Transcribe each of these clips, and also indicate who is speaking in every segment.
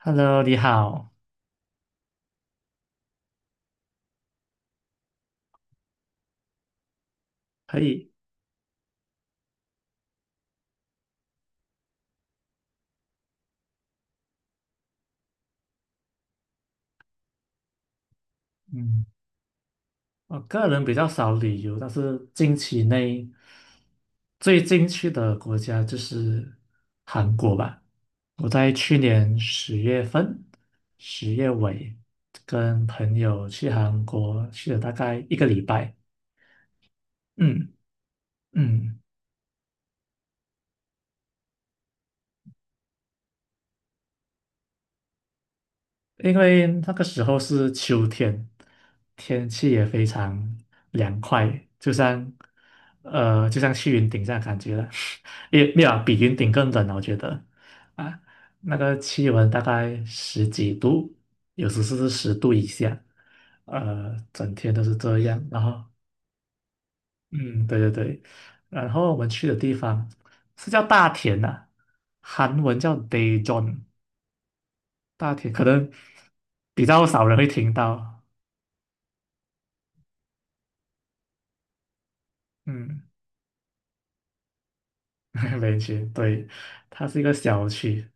Speaker 1: Hello，你好，可以，嗯，我个人比较少旅游，但是近期内最近去的国家就是韩国吧。我在去年10月份、10月尾跟朋友去韩国，去了大概一个礼拜。嗯嗯。因为那个时候是秋天，天气也非常凉快，就像去云顶这样感觉了，也没有啊比云顶更冷啊我觉得啊，那个气温大概十几度，有时是十度以下，整天都是这样。然后，嗯，对对对，然后我们去的地方是叫大田呐、啊，韩文叫 Daejeon。大田可能比较少人会听到嗯，没去，对，它是一个小区，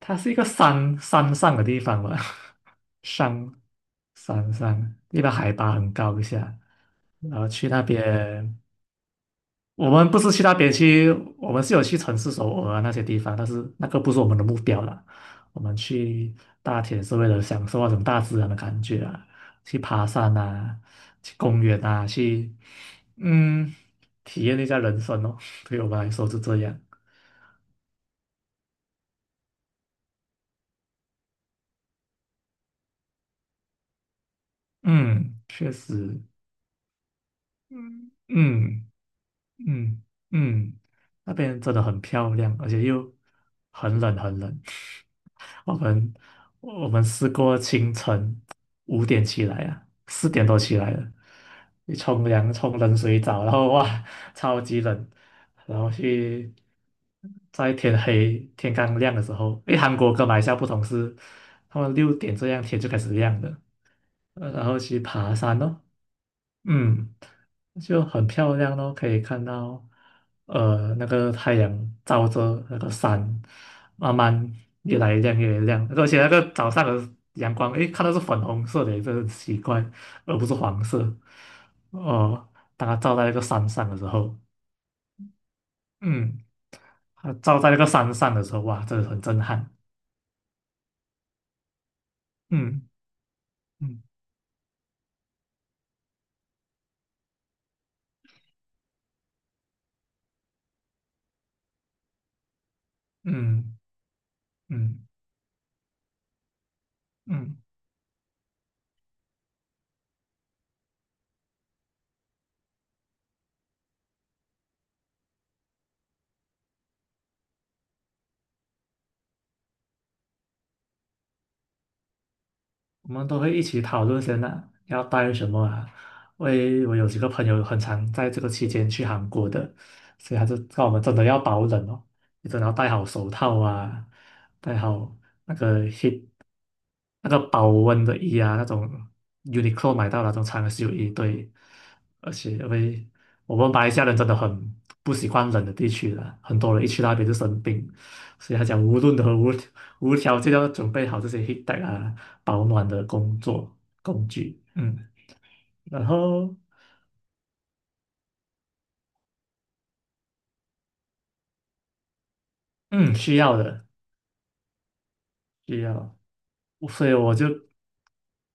Speaker 1: 它是一个山上的地方吧，山山上，一般海拔很高一下，然后去那边。我们不是去那边去，我们是有去城市首尔啊那些地方，但是那个不是我们的目标啦。我们去大田是为了享受那种大自然的感觉啊，去爬山啊，去公园啊，去嗯体验一下人生哦。对我们来说是这样，嗯，确实，嗯，嗯。嗯嗯，那边真的很漂亮，而且又很冷很冷。我们我们试过清晨5点起来啊，4点多起来了，你冲凉冲冷水澡，然后哇，超级冷，然后去在天黑天刚亮的时候，因为韩国跟马来西亚不同是，他们6点这样天就开始亮了，然后去爬山哦，嗯。就很漂亮咯，可以看到，呃，那个太阳照着那个山，慢慢越来越亮，越来越亮。而且那个早上的阳光，诶，看到是粉红色的，这很奇怪，而不是黄色。哦、当它照在那个山上的时候，嗯，它照在那个山上的时候，哇，真的很震撼。嗯嗯嗯嗯嗯。我们都会一起讨论先啊，要带什么啊？因为我有几个朋友很常在这个期间去韩国的，所以他就告我们真的要保冷哦，你真的要戴好手套啊，戴好那个 heat 那个保温的衣啊，那种 Uniqlo 买到的那种长袖衣，对，而且因为我们马来西亚人真的很不喜欢冷的地区的，很多人一去那边就生病，所以他讲无论如何无条件要准备好这些 heat tech 啊保暖的工具，嗯，然后嗯需要的需要，所以我就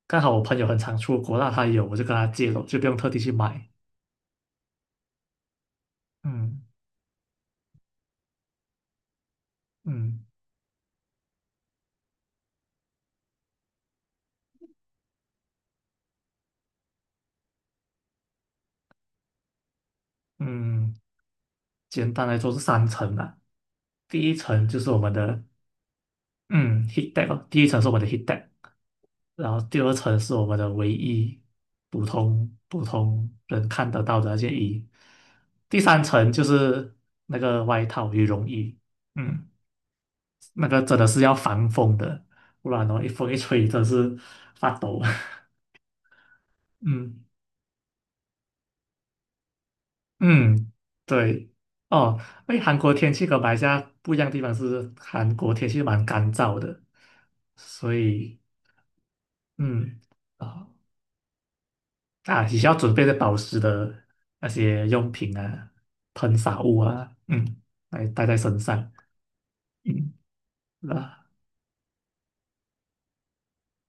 Speaker 1: 刚好我朋友很常出国，那他有我就跟他借了，就不用特地去买，嗯嗯嗯，简单来说是三层啊。第一层就是我们的嗯 heat deck 哦，第一层是我们的 heat deck，然后第二层是我们的唯一普通人看得到的那件衣，第三层就是那个外套羽绒衣，嗯，那个真的是要防风的，不然哦一风一吹真是发抖。嗯嗯，对哦，哎，韩国天气跟马来西亚不一样的地方是，韩国天气蛮干燥的，所以嗯。啊。啊，你需要准备的保湿的那些用品啊、喷洒物啊，嗯，来带在身上，嗯，那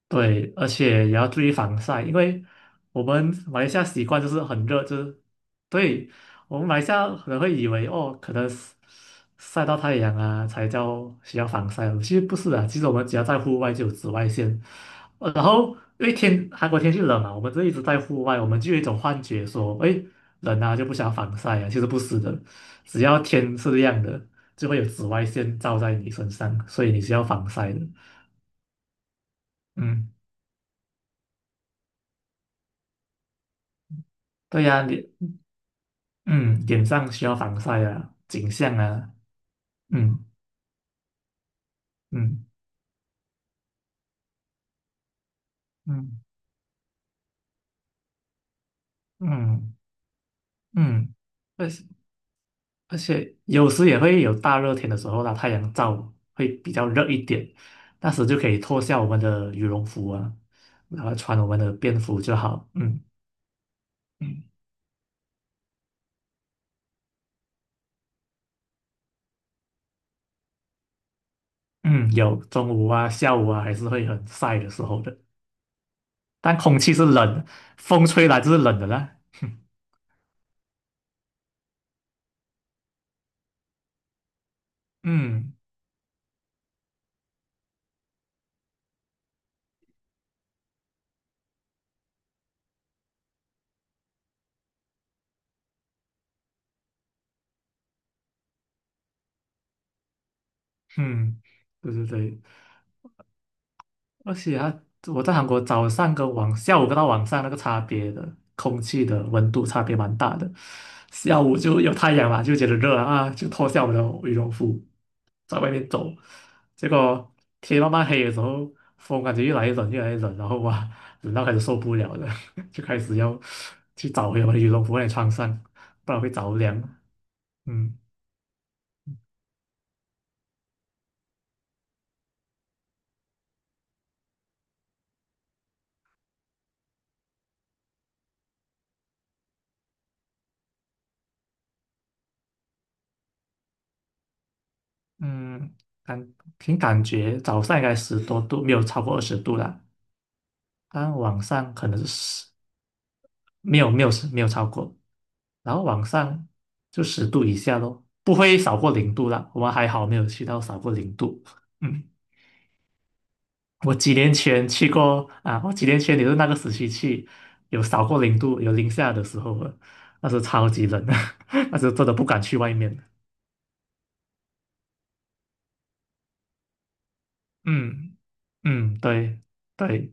Speaker 1: 对，而且也要注意防晒，因为我们马来西亚习惯就是很热，就是对我们马来西亚可能会以为哦，可能是晒到太阳啊才叫需要防晒，其实不是的，其实我们只要在户外就有紫外线，然后因为韩国天气冷啊，我们就一直在户外，我们就有一种幻觉说，哎，冷啊就不想要防晒啊，其实不是的，只要天是亮的，就会有紫外线照在你身上，所以你是要防晒的，嗯。对呀，你嗯，脸上需要防晒啊，颈项啊，嗯嗯嗯嗯嗯，而且而且有时也会有大热天的时候啦，太阳照会比较热一点，那时就可以脱下我们的羽绒服啊，然后穿我们的便服就好。嗯嗯嗯，有中午啊、下午啊，还是会很晒的时候的，但空气是冷的，风吹来就是冷的啦。嗯嗯，对对对，而且啊，我在韩国早上跟晚下午跟到晚上那个差别的空气的温度差别蛮大的，下午就有太阳嘛，就觉得热啊，就脱下我的羽绒服在外面走，结果天慢慢黑的时候，风感觉越来越冷越来越冷，然后哇，冷到开始受不了了，就开始要去找回我的羽绒服来穿上，不然会着凉。嗯嗯，感凭感觉早上应该十多度，没有超过20度啦。但往上可能是十，没有超过，然后往上就十度以下咯，不会少过零度啦。我们还好没有去到少过零度。嗯，我几年前去过啊，我几年前也是那个时期去，有少过零度，有零下的时候了，那时候超级冷，那时候真的不敢去外面。嗯嗯，对对，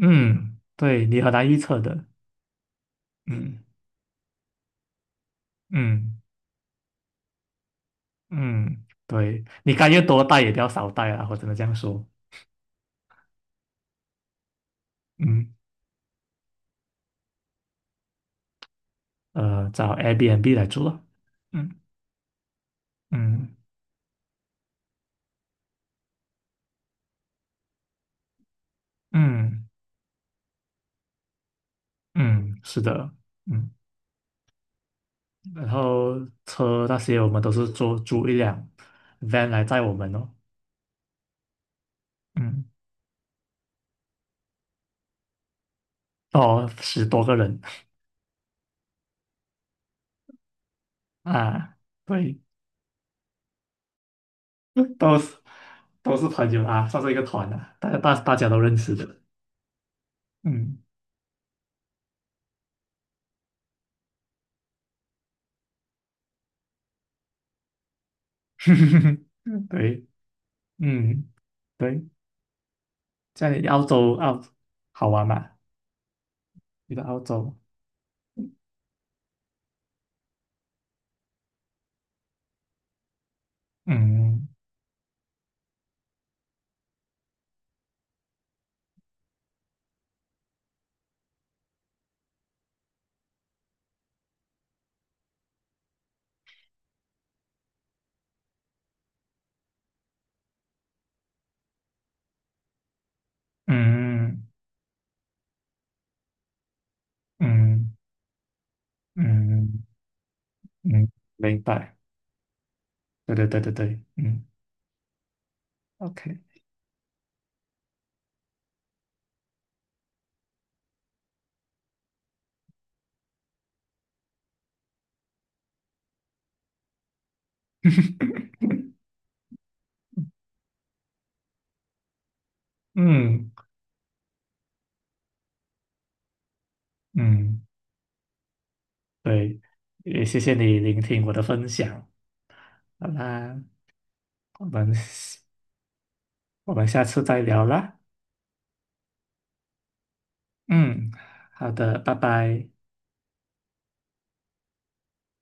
Speaker 1: 嗯对，你很难预测的。嗯嗯嗯，对，你该越多带也不要少带啊，我只能这样说。嗯，呃，找 Airbnb 来住了。嗯嗯嗯嗯，是的，嗯，然后车那些我们都是租一辆 van 来载我们哦。嗯，哦，十多个人啊，对，都是都是朋友啊，算是一个团啊，大家都认识的。嗯，对，嗯对，在澳洲好玩嘛？你的澳洲，嗯嗯嗯嗯。嗯，明白。对对对对对，嗯，OK，嗯嗯，对，也谢谢你聆听我的分享。好啦，我们我们下次再聊啦。嗯，好的，拜拜。